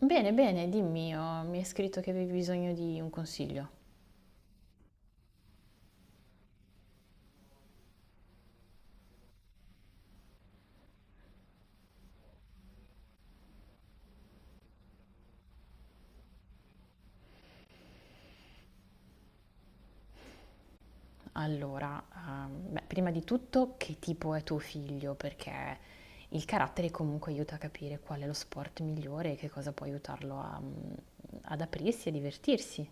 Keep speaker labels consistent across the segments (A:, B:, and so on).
A: Bene, bene, dimmi, oh, mi hai scritto che avevi bisogno di un consiglio. Allora, beh, prima di tutto, che tipo è tuo figlio? Perché il carattere comunque aiuta a capire qual è lo sport migliore e che cosa può aiutarlo ad aprirsi e divertirsi.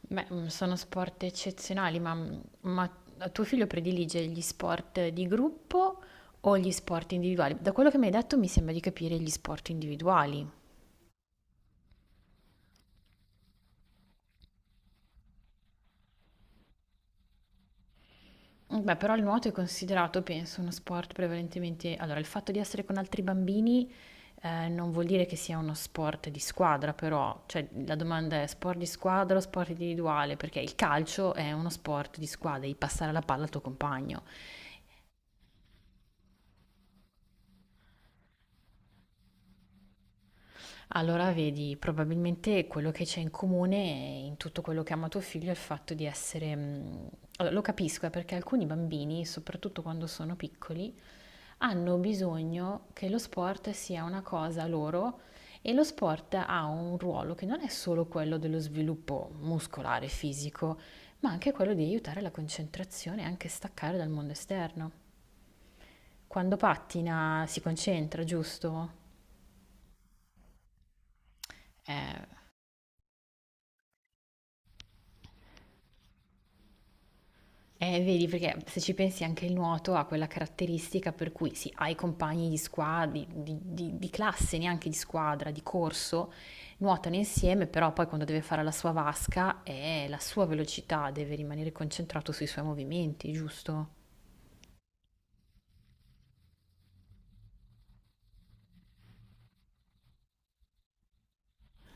A: Beh, mm, sono sport eccezionali, ma tuo figlio predilige gli sport di gruppo o gli sport individuali? Da quello che mi hai detto mi sembra di capire gli sport individuali. Beh, però il nuoto è considerato, penso, uno sport prevalentemente allora, il fatto di essere con altri bambini, non vuol dire che sia uno sport di squadra però, cioè la domanda è: sport di squadra o sport individuale? Perché il calcio è uno sport di squadra, devi passare la palla al tuo compagno. Allora vedi, probabilmente quello che c'è in comune in tutto quello che ama tuo figlio è il fatto di essere allora, lo capisco, perché alcuni bambini, soprattutto quando sono piccoli, hanno bisogno che lo sport sia una cosa loro e lo sport ha un ruolo che non è solo quello dello sviluppo muscolare, fisico, ma anche quello di aiutare la concentrazione e anche staccare dal mondo esterno. Quando pattina si concentra, giusto? Eh, Vedi, perché se ci pensi anche il nuoto ha quella caratteristica per cui sì, hai compagni di squadra, di classe, neanche di squadra, di corso, nuotano insieme, però poi quando deve fare la sua vasca, la sua velocità deve rimanere concentrato sui suoi movimenti, giusto?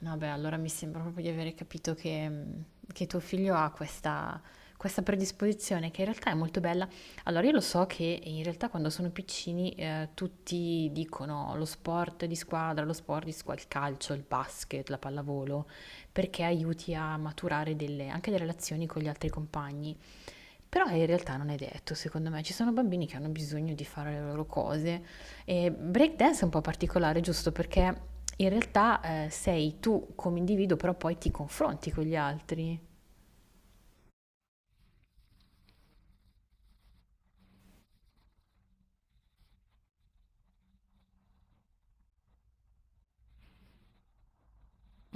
A: No, beh, allora mi sembra proprio di avere capito che, che tuo figlio ha questa predisposizione che in realtà è molto bella. Allora, io lo so che in realtà quando sono piccini tutti dicono lo sport di squadra, lo sport di squadra, il calcio, il basket, la pallavolo, perché aiuti a maturare delle- anche le relazioni con gli altri compagni. Però in realtà non è detto, secondo me, ci sono bambini che hanno bisogno di fare le loro cose. E breakdance è un po' particolare, giusto? Perché in realtà sei tu come individuo, però poi ti confronti con gli altri.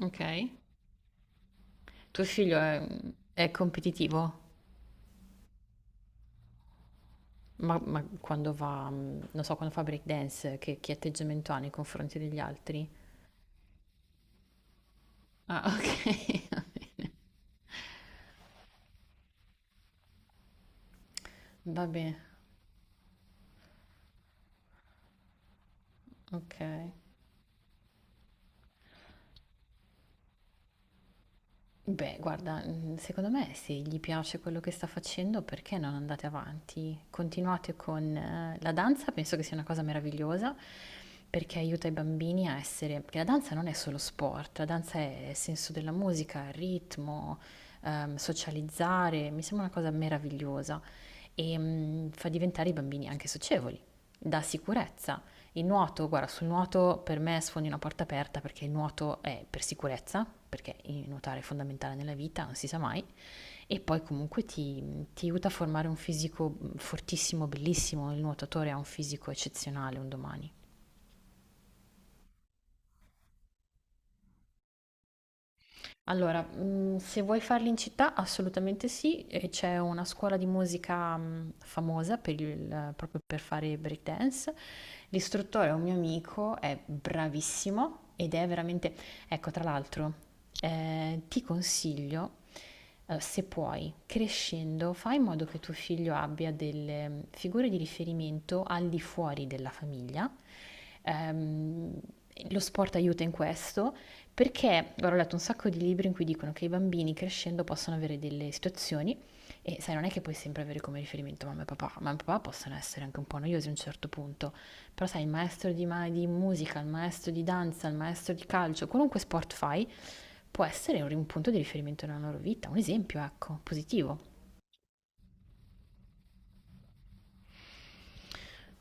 A: Ok. Tuo figlio è, è competitivo? Ma quando va, mm, non so, quando fa breakdance, che atteggiamento ha nei confronti degli altri? Ah, ok. Va bene. Vabbè, ok. Beh, guarda, mhmm, secondo me se gli piace quello che sta facendo, perché non andate avanti? Continuate con la danza, penso che sia una cosa meravigliosa, perché aiuta i bambini a essere perché la danza non è solo sport, la danza è senso della musica, ritmo, socializzare, mi sembra una cosa meravigliosa e mm, fa diventare i bambini anche socievoli, dà sicurezza. Il nuoto, guarda, sul nuoto per me sfondi una porta aperta perché il nuoto è per sicurezza, perché il nuotare è fondamentale nella vita, non si sa mai, e poi comunque ti aiuta a formare un fisico fortissimo, bellissimo, il nuotatore ha un fisico eccezionale un domani. Allora, mhmm, se vuoi farli in città assolutamente sì, e c'è una scuola di musica, mhmm, famosa per il proprio per fare break dance. L'istruttore è un mio amico, è bravissimo ed è veramente ecco tra l'altro, ti consiglio, se puoi, crescendo, fai in modo che tuo figlio abbia delle mm, figure di riferimento al di fuori della famiglia. Ehm, lo sport aiuta in questo perché guarda, ho letto un sacco di libri in cui dicono che i bambini crescendo possono avere delle situazioni e sai, non è che puoi sempre avere come riferimento mamma e papà possono essere anche un po' noiosi a un certo punto, però sai, il maestro di, ma- di musica, il maestro di danza, il maestro di calcio, qualunque sport fai, può essere un punto di riferimento nella loro vita, un esempio, ecco, positivo.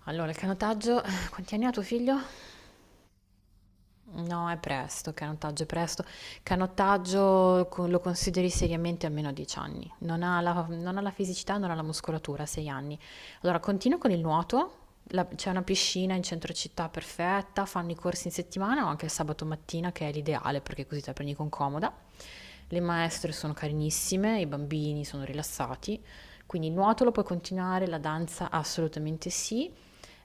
A: Allora, il canottaggio, quanti anni ha tuo figlio? No, è presto. Canottaggio co- lo consideri seriamente almeno 10 anni. Non ha non ha la fisicità, non ha la muscolatura, 6 anni. Allora, continuo con il nuoto. La- c'è una piscina in centro città perfetta, fanno i corsi in settimana o anche il sabato mattina, che è l'ideale perché così te la prendi con comoda. Le maestre sono carinissime, i bambini sono rilassati. Quindi il nuoto lo puoi continuare, la danza assolutamente sì.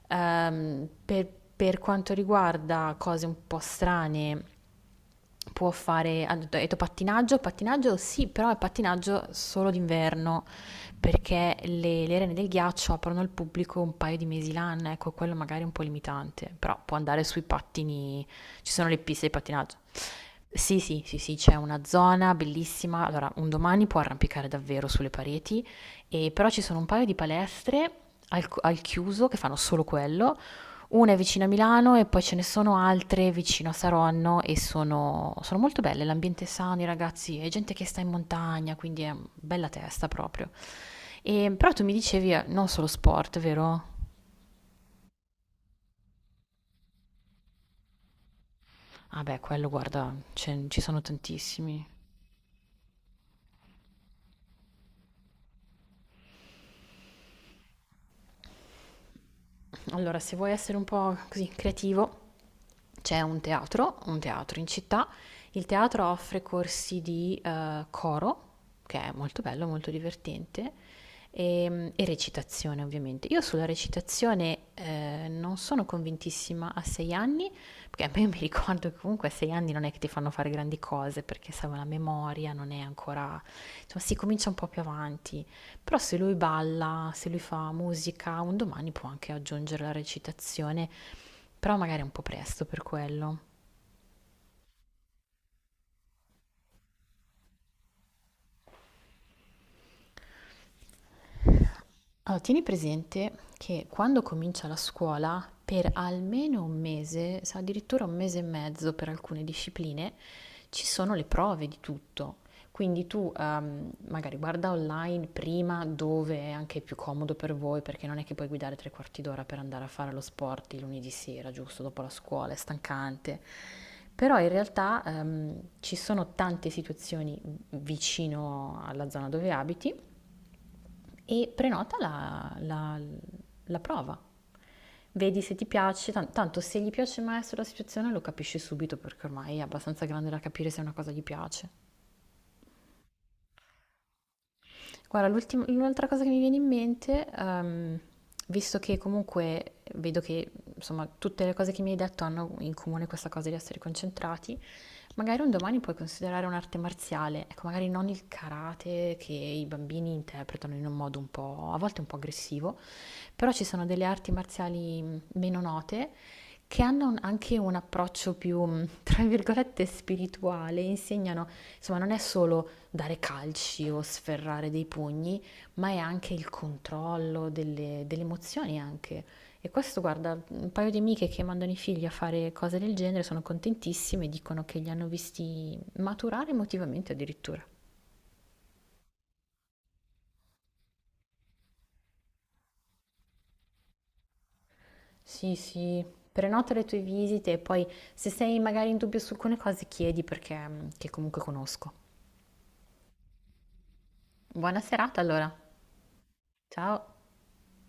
A: Ehm, per, per quanto riguarda cose un po' strane, può fare, ha detto pattinaggio, pattinaggio sì, però è pattinaggio solo d'inverno, perché le arene del ghiaccio aprono al pubblico un paio di mesi l'anno, ecco, quello magari è un po' limitante, però può andare sui pattini, ci sono le piste di pattinaggio. Sì, sì, sì, sì, c'è una zona bellissima. Allora, un domani può arrampicare davvero sulle pareti, e però ci sono un paio di palestre al chiuso che fanno solo quello. Una è vicino a Milano e poi ce ne sono altre vicino a Saronno e sono molto belle. L'ambiente è sano, i ragazzi, è gente che sta in montagna, quindi è bella testa proprio. E, però tu mi dicevi non solo sport, vero? Vabbè, quello guarda, ce- ci sono tantissimi. Allora, se vuoi essere un po' così creativo, c'è un teatro in città. Il teatro offre corsi di coro, che è molto bello, molto divertente, e recitazione ovviamente. Io sulla recitazione non sono convintissima a sei anni, perché a me mi ricordo che comunque a sei anni non è che ti fanno fare grandi cose, perché serve la memoria, non è ancora insomma si comincia un po' più avanti. Però se lui balla, se lui fa musica, un domani può anche aggiungere la recitazione, però magari è un po' presto per quello. Allora, tieni presente che quando comincia la scuola, per almeno un mese, se addirittura un mese e mezzo per alcune discipline, ci sono le prove di tutto. Quindi tu magari guarda online prima dove è anche più comodo per voi, perché non è che puoi guidare tre quarti d'ora per andare a fare lo sport il lunedì sera, giusto dopo la scuola, è stancante. Però in realtà ci sono tante situazioni vicino alla zona dove abiti e prenota la prova. Vedi se ti piace, tanto se gli piace il maestro la situazione lo capisci subito perché ormai è abbastanza grande da capire se una cosa gli piace. Guarda, l'altra cosa che mi viene in mente, visto che comunque vedo che insomma tutte le cose che mi hai detto hanno in comune questa cosa di essere concentrati, magari un domani puoi considerare un'arte marziale, ecco, magari non il karate che i bambini interpretano in un modo un po', a volte un po' aggressivo, però ci sono delle arti marziali meno note che hanno un- anche un approccio più, tra virgolette, spirituale, insegnano, insomma, non è solo dare calci o sferrare dei pugni, ma è anche il controllo delle emozioni anche. E questo, guarda, un paio di amiche che mandano i figli a fare cose del genere sono contentissime e dicono che li hanno visti maturare emotivamente addirittura. Sì, sì, prenota le tue visite e poi se sei magari in dubbio su alcune cose chiedi perché che comunque conosco. Buona serata allora, ciao!